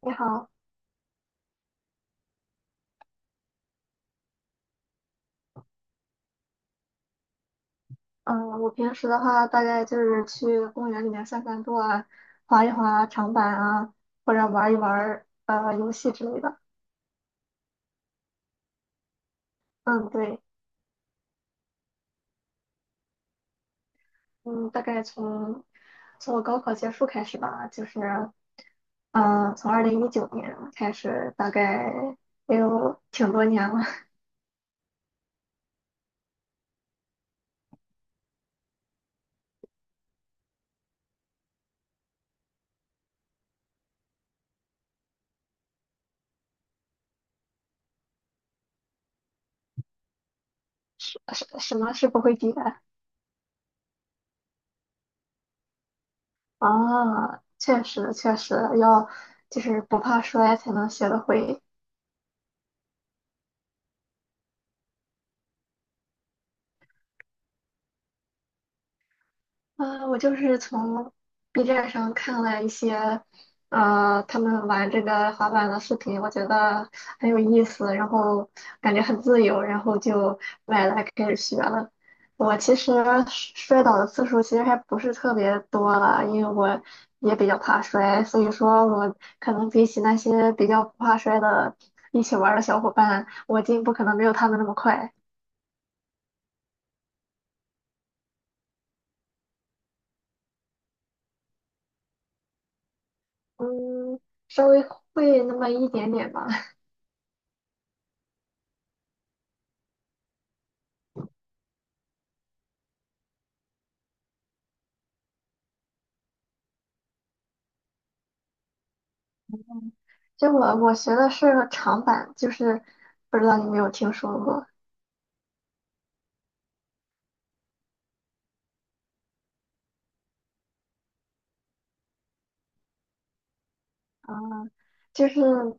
你好。嗯，我平时的话，大概就是去公园里面散散步啊，滑一滑长板啊，或者玩一玩游戏之类的。嗯，对。嗯，大概从我高考结束开始吧，就是从2019年开始，大概也有挺多年了。什么是不会比的啊？确实，确实要就是不怕摔才能学得会。我就是从 B 站上看了一些，他们玩这个滑板的视频，我觉得很有意思，然后感觉很自由，然后就买来开始学了。我其实摔倒的次数其实还不是特别多了，因为我也比较怕摔，所以说我可能比起那些比较不怕摔的一起玩儿的小伙伴，我进步可能没有他们那么快。嗯，稍微会那么一点点吧。就我学的是长板，就是不知道你有没有听说过，就是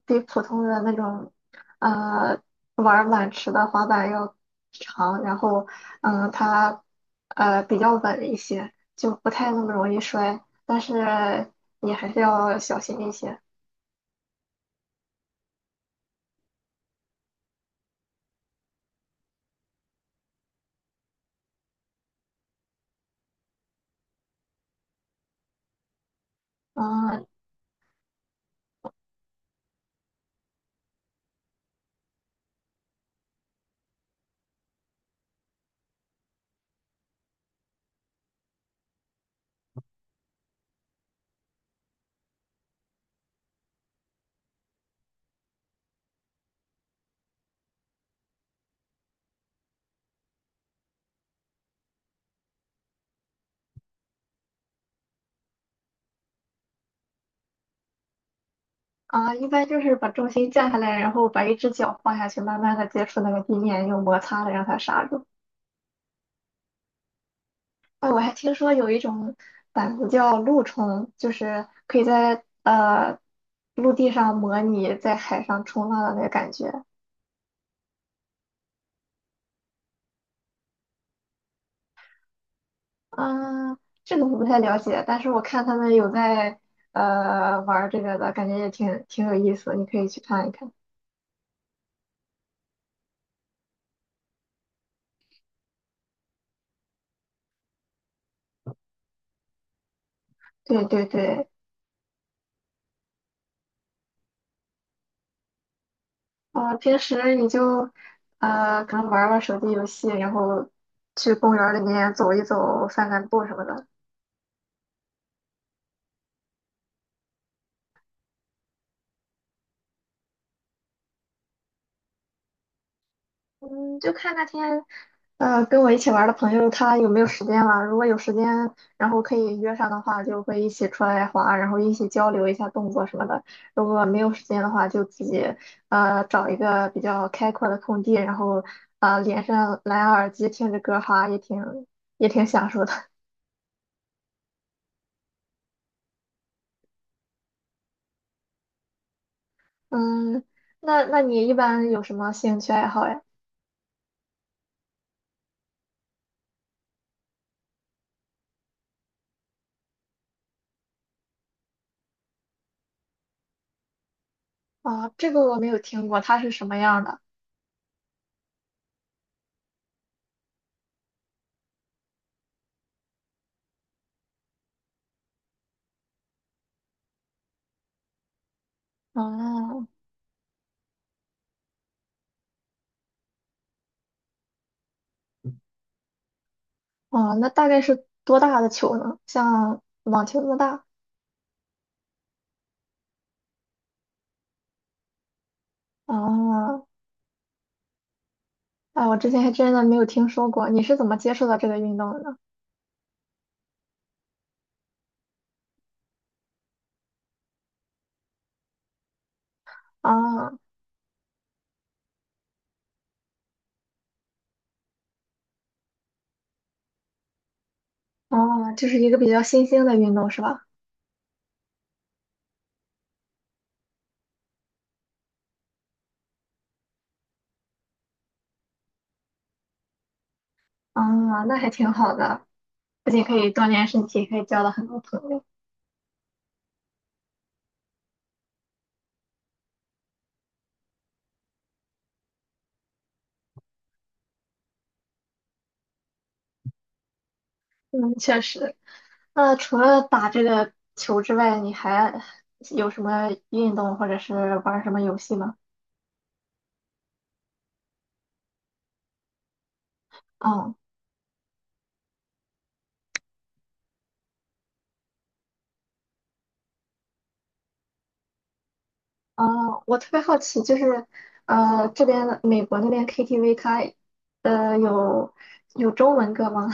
比普通的那种呃玩板池的滑板要长，然后它比较稳一些，就不太那么容易摔，但是你还是要小心一些。嗯啊，一般就是把重心降下来，然后把一只脚放下去，慢慢的接触那个地面，用摩擦的让它刹住。哦，我还听说有一种板子叫陆冲，就是可以在陆地上模拟在海上冲浪的那个感觉。嗯，这个我不太了解，但是我看他们有在玩儿这个的，感觉也挺有意思，你可以去看一看。对对对。啊、平时你就可能玩儿玩儿手机游戏，然后去公园儿里面走一走、散散步什么的。嗯，就看那天跟我一起玩儿的朋友他有没有时间了？如果有时间，然后可以约上的话，就会一起出来滑，然后一起交流一下动作什么的。如果没有时间的话，就自己找一个比较开阔的空地，然后连上蓝牙耳机听着歌哈，也挺享受的。嗯，那你一般有什么兴趣爱好呀？啊，这个我没有听过，它是什么样的？哦哦，那大概是多大的球呢？像网球那么大？哦。啊，我之前还真的没有听说过，你是怎么接触到这个运动的呢？啊。哦，就是一个比较新兴的运动是吧？啊，那还挺好的，不仅可以锻炼身体，可以交到很多朋友。嗯，确实。那除了打这个球之外，你还有什么运动或者是玩什么游戏吗？哦。哦，我特别好奇，就是这边美国那边 KTV 它呃有有中文歌吗？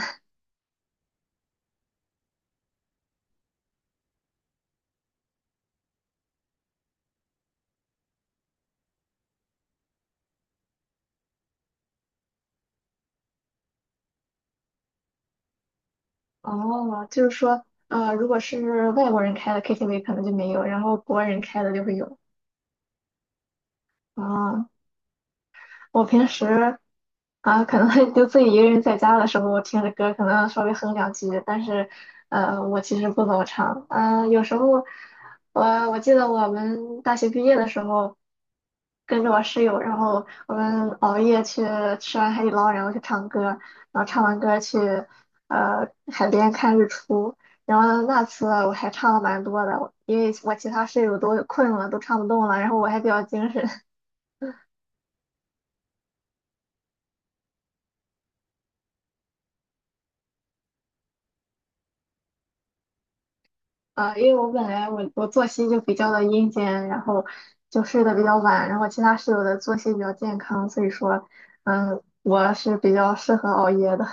哦，就是说，如果是外国人开的 KTV 可能就没有，然后国人开的就会有。哦，我平时啊，可能 就自己一个人在家的时候，我听着歌可能稍微哼两句，但是我其实不怎么唱。嗯、有时候我记得我们大学毕业的时候，跟着我室友，然后我们熬夜去吃完海底捞，然后去唱歌，然后唱完歌去海边看日出。然后那次我还唱了蛮多的，因为我其他室友都困了，都唱不动了，然后我还比较精神。因为我本来我作息就比较的阴间，然后就睡得比较晚，然后其他室友的作息比较健康，所以说，我是比较适合熬夜的。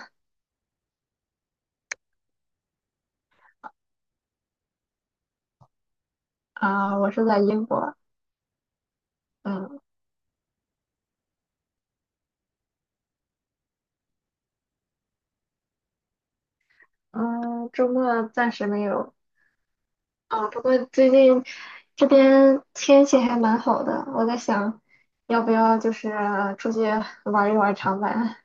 啊，我是在英国。嗯嗯，周末暂时没有。啊，不过最近这边天气还蛮好的，我在想要不要就是出去玩一玩长板。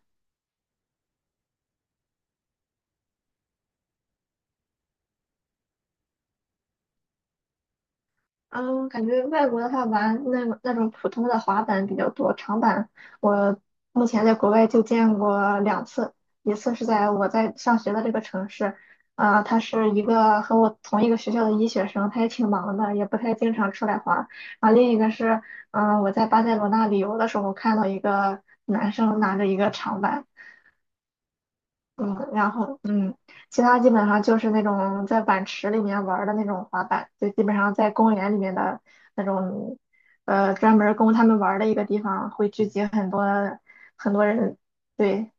嗯，感觉外国的话玩那种普通的滑板比较多，长板我目前在国外就见过两次，一次是在我在上学的这个城市，啊、他是一个和我同一个学校的医学生，他也挺忙的，也不太经常出来滑。啊，另一个是，我在巴塞罗那旅游的时候看到一个男生拿着一个长板。嗯，然后其他基本上就是那种在碗池里面玩儿的那种滑板，就基本上在公园里面的那种，专门儿供他们玩儿的一个地方，会聚集很多很多人。对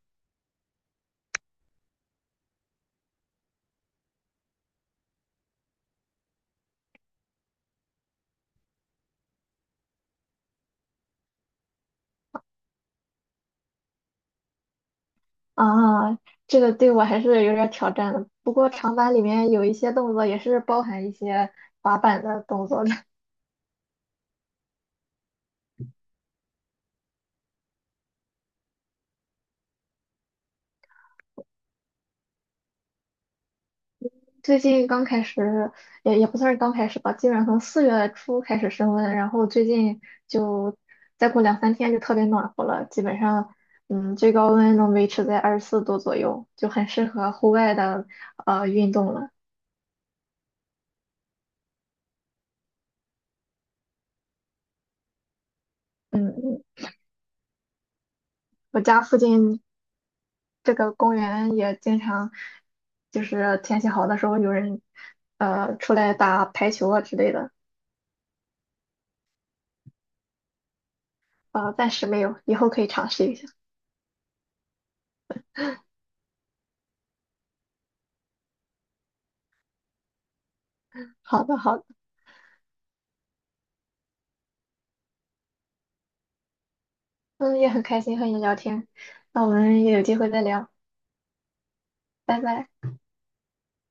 啊，这个对我还是有点儿挑战的。不过长板里面有一些动作也是包含一些滑板的动作的。最近刚开始，也不算是刚开始吧，基本上从四月初开始升温，然后最近就再过两三天就特别暖和了，基本上，最高温能维持在24度左右，就很适合户外的运动了。嗯，嗯我家附近这个公园也经常，就是天气好的时候有人出来打排球啊之类的。暂时没有，以后可以尝试一下。好的，好的。嗯，也很开心和你聊天，那我们也有机会再聊，拜拜。